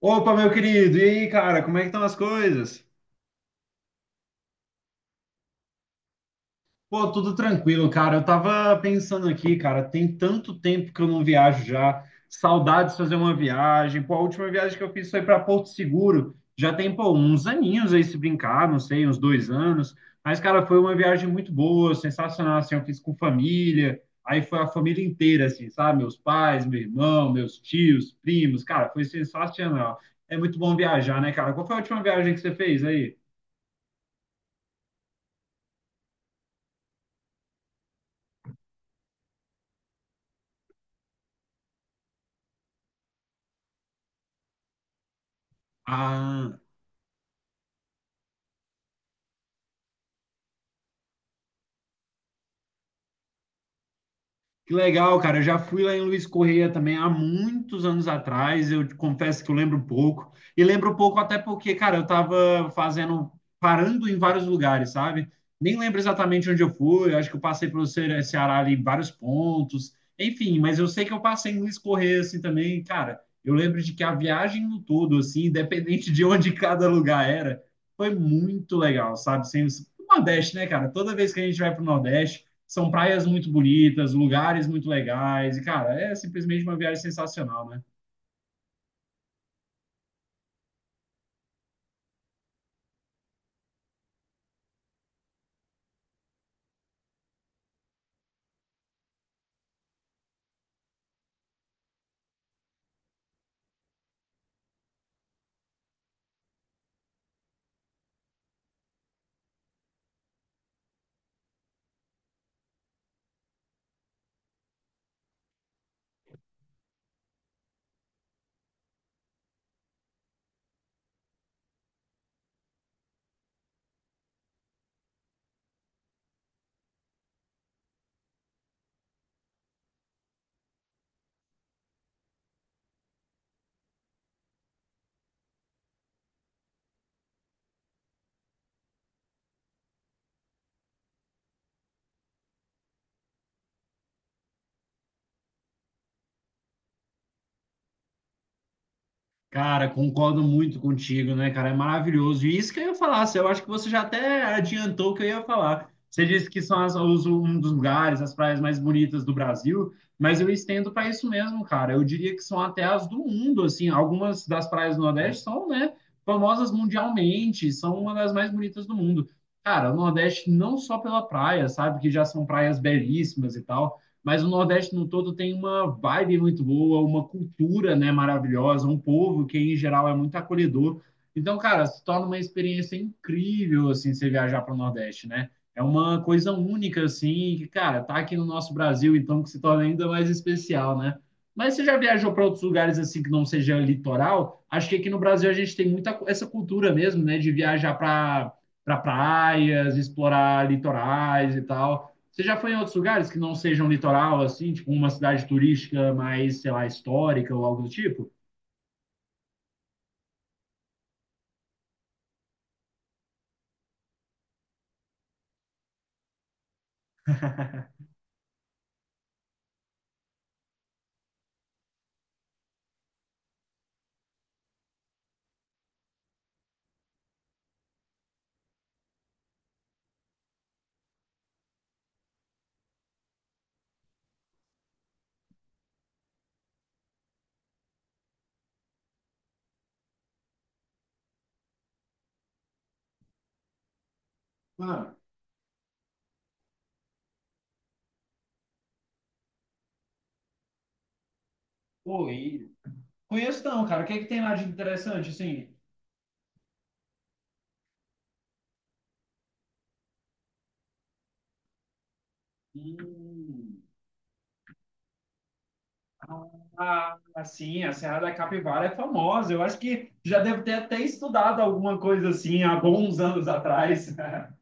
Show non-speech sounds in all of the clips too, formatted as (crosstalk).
Opa, meu querido, e aí, cara, como é que estão as coisas? Pô, tudo tranquilo, cara. Eu tava pensando aqui, cara, tem tanto tempo que eu não viajo já. Saudades de fazer uma viagem. Pô, a última viagem que eu fiz foi para Porto Seguro. Já tem, pô, uns aninhos aí se brincar, não sei, uns dois anos. Mas, cara, foi uma viagem muito boa, sensacional, assim. Eu fiz com família, aí foi a família inteira, assim, sabe? Meus pais, meu irmão, meus tios, primos. Cara, foi sensacional. É muito bom viajar, né, cara? Qual foi a última viagem que você fez aí? Ah, que legal, cara. Eu já fui lá em Luiz Correia também há muitos anos atrás. Eu te confesso que eu lembro um pouco. E lembro um pouco até porque, cara, eu tava fazendo, parando em vários lugares, sabe? Nem lembro exatamente onde eu fui. Eu acho que eu passei pelo Ceará ali em vários pontos. Enfim, mas eu sei que eu passei em Luiz Correia assim também. Cara, eu lembro de que a viagem no todo, assim, (laughs) independente de onde cada lugar era, foi muito legal, sabe? Sem, o Nordeste, né, cara? Toda vez que a gente vai pro Nordeste. São praias muito bonitas, lugares muito legais, e, cara, é simplesmente uma viagem sensacional, né? Cara, concordo muito contigo, né, cara? É maravilhoso. E isso que eu ia falar, assim, eu acho que você já até adiantou o que eu ia falar. Você disse que são as- os- um dos lugares, as praias mais bonitas do Brasil, mas eu estendo para isso mesmo, cara. Eu diria que são até as do mundo, assim. Algumas das praias do Nordeste são, né, famosas mundialmente, são uma das mais bonitas do mundo. Cara, o Nordeste não só pela praia, sabe, que já são praias belíssimas e tal, mas o Nordeste no todo tem uma vibe muito boa, uma cultura, né, maravilhosa, um povo que em geral é muito acolhedor. Então, cara, se torna uma experiência incrível assim você viajar para o Nordeste, né? É uma coisa única assim, que, cara, tá aqui no nosso Brasil, então que se torna ainda mais especial, né? Mas você já viajou para outros lugares assim que não seja litoral? Acho que aqui no Brasil a gente tem muita essa cultura mesmo, né, de viajar para praias, explorar litorais e tal. Você já foi em outros lugares que não sejam litoral, assim, tipo uma cidade turística mais, sei lá, histórica ou algo do tipo? Mano, pô, e... Conheço não, cara. O que é que tem lá de interessante, assim? Hum, ah, assim, a Serra da Capivara é famosa. Eu acho que já devo ter até estudado alguma coisa assim há bons anos atrás. (laughs)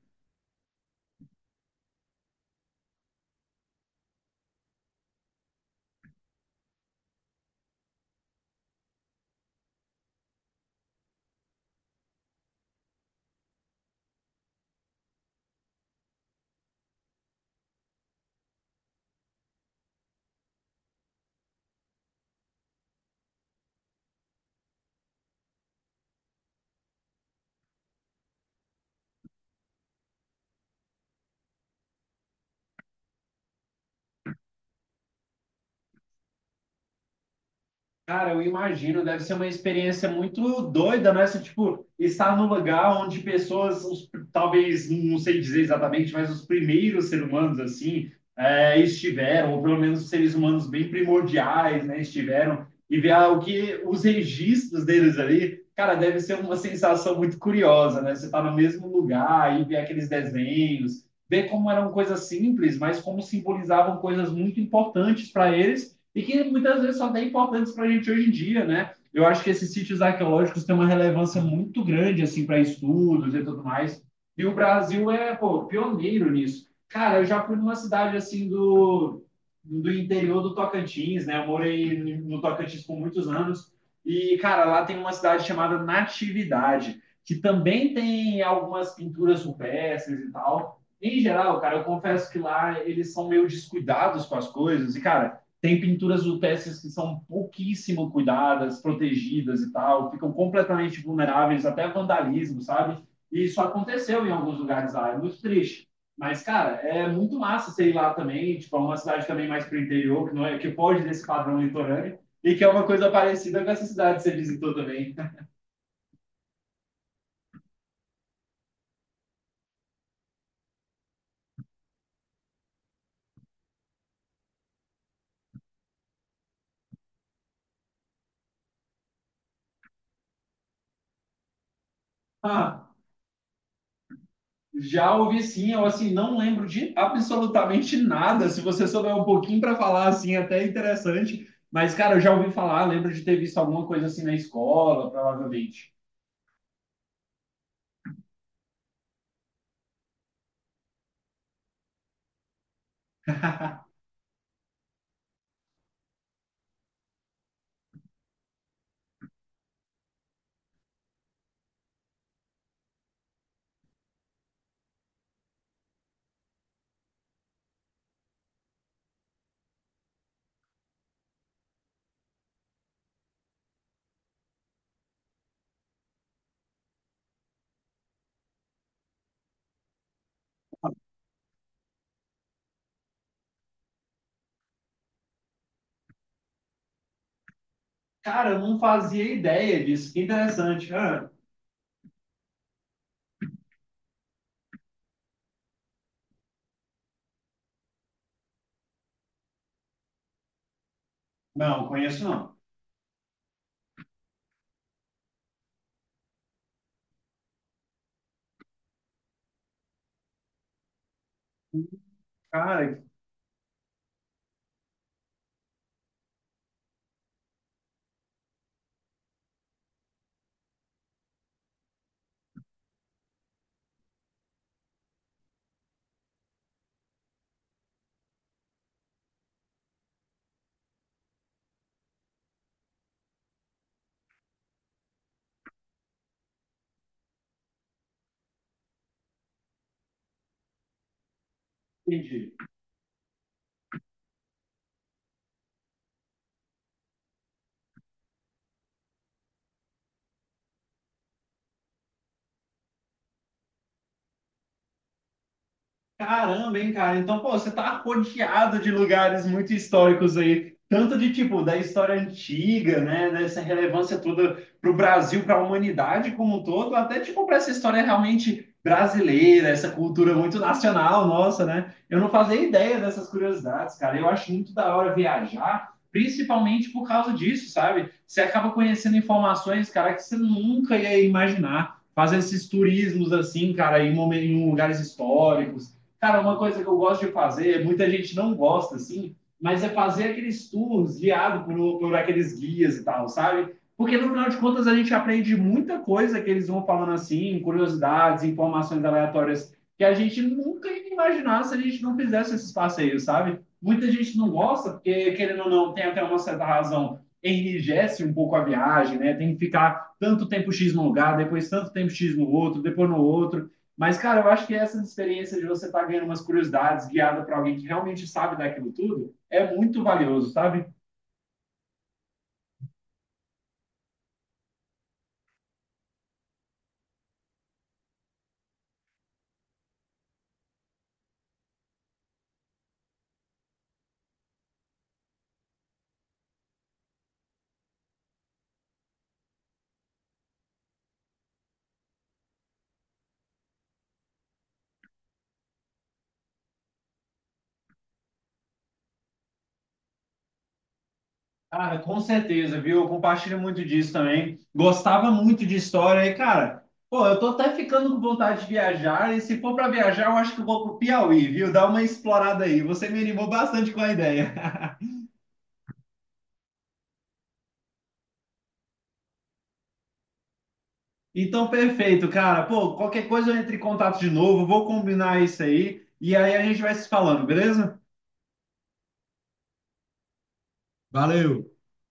Cara, eu imagino, deve ser uma experiência muito doida, né? Você, tipo, estar num lugar onde pessoas, os- talvez, não sei dizer exatamente, mas os primeiros seres humanos, assim, estiveram, ou pelo menos os seres humanos bem primordiais, né? Estiveram, e ver, ah, o que os registros deles ali, cara, deve ser uma sensação muito curiosa, né? Você tá no mesmo lugar e ver aqueles desenhos, ver como eram coisas simples, mas como simbolizavam coisas muito importantes para eles e que muitas vezes são até importantes para a gente hoje em dia, né? Eu acho que esses sítios arqueológicos têm uma relevância muito grande, assim, para estudos e tudo mais. E o Brasil é, pô, pioneiro nisso. Cara, eu já fui numa cidade, assim, do interior do Tocantins, né? Eu morei no Tocantins por muitos anos. E, cara, lá tem uma cidade chamada Natividade, que também tem algumas pinturas rupestres e tal. Em geral, cara, eu confesso que lá eles são meio descuidados com as coisas. E, cara, tem pinturas rupestres que são pouquíssimo cuidadas, protegidas e tal, ficam completamente vulneráveis até a vandalismo, sabe? E isso aconteceu em alguns lugares lá, é muito triste. Mas, cara, é muito massa você ir lá também, tipo, é uma cidade também mais pro interior, que, não é, que pode desse padrão litorâneo, e que é uma coisa parecida com essa cidade que você visitou também. (laughs) Já ouvi sim, eu assim não lembro de absolutamente nada. Se você souber um pouquinho para falar assim, até é interessante. Mas cara, eu já ouvi falar, lembro de ter visto alguma coisa assim na escola, provavelmente. Cara, eu não fazia ideia disso. Que interessante. Ah, não, conheço não. Cara, entendi. Caramba, hein, cara? Então, pô, você tá rodeado de lugares muito históricos aí, tanto de tipo da história antiga, né, dessa relevância toda para o Brasil, para a humanidade como um todo, até tipo para essa história realmente brasileira, essa cultura muito nacional nossa, né? Eu não fazia ideia dessas curiosidades, cara. Eu acho muito da hora viajar, principalmente por causa disso, sabe? Você acaba conhecendo informações, cara, que você nunca ia imaginar. Fazendo esses turismos assim, cara, em em lugares históricos. Cara, uma coisa que eu gosto de fazer, muita gente não gosta, assim, mas é fazer aqueles tours guiados por, aqueles guias e tal, sabe? Porque no final de contas a gente aprende muita coisa que eles vão falando assim, curiosidades, informações aleatórias que a gente nunca ia imaginar se a gente não fizesse esses passeios, sabe? Muita gente não gosta, porque querendo ou não, tem até uma certa razão, enrijece um pouco a viagem, né? Tem que ficar tanto tempo X num lugar, depois tanto tempo X no outro, depois no outro. Mas, cara, eu acho que essas experiências de você estar tá ganhando umas curiosidades guiada para alguém que realmente sabe daquilo tudo é muito valioso, sabe? Cara, com certeza, viu? Eu compartilho muito disso também. Gostava muito de história e, cara, pô, eu tô até ficando com vontade de viajar. E se for para viajar, eu acho que eu vou pro Piauí, viu? Dá uma explorada aí. Você me animou bastante com a ideia. (laughs) Então, perfeito, cara. Pô, qualquer coisa eu entro em contato de novo, vou combinar isso aí. E aí a gente vai se falando, beleza? Valeu!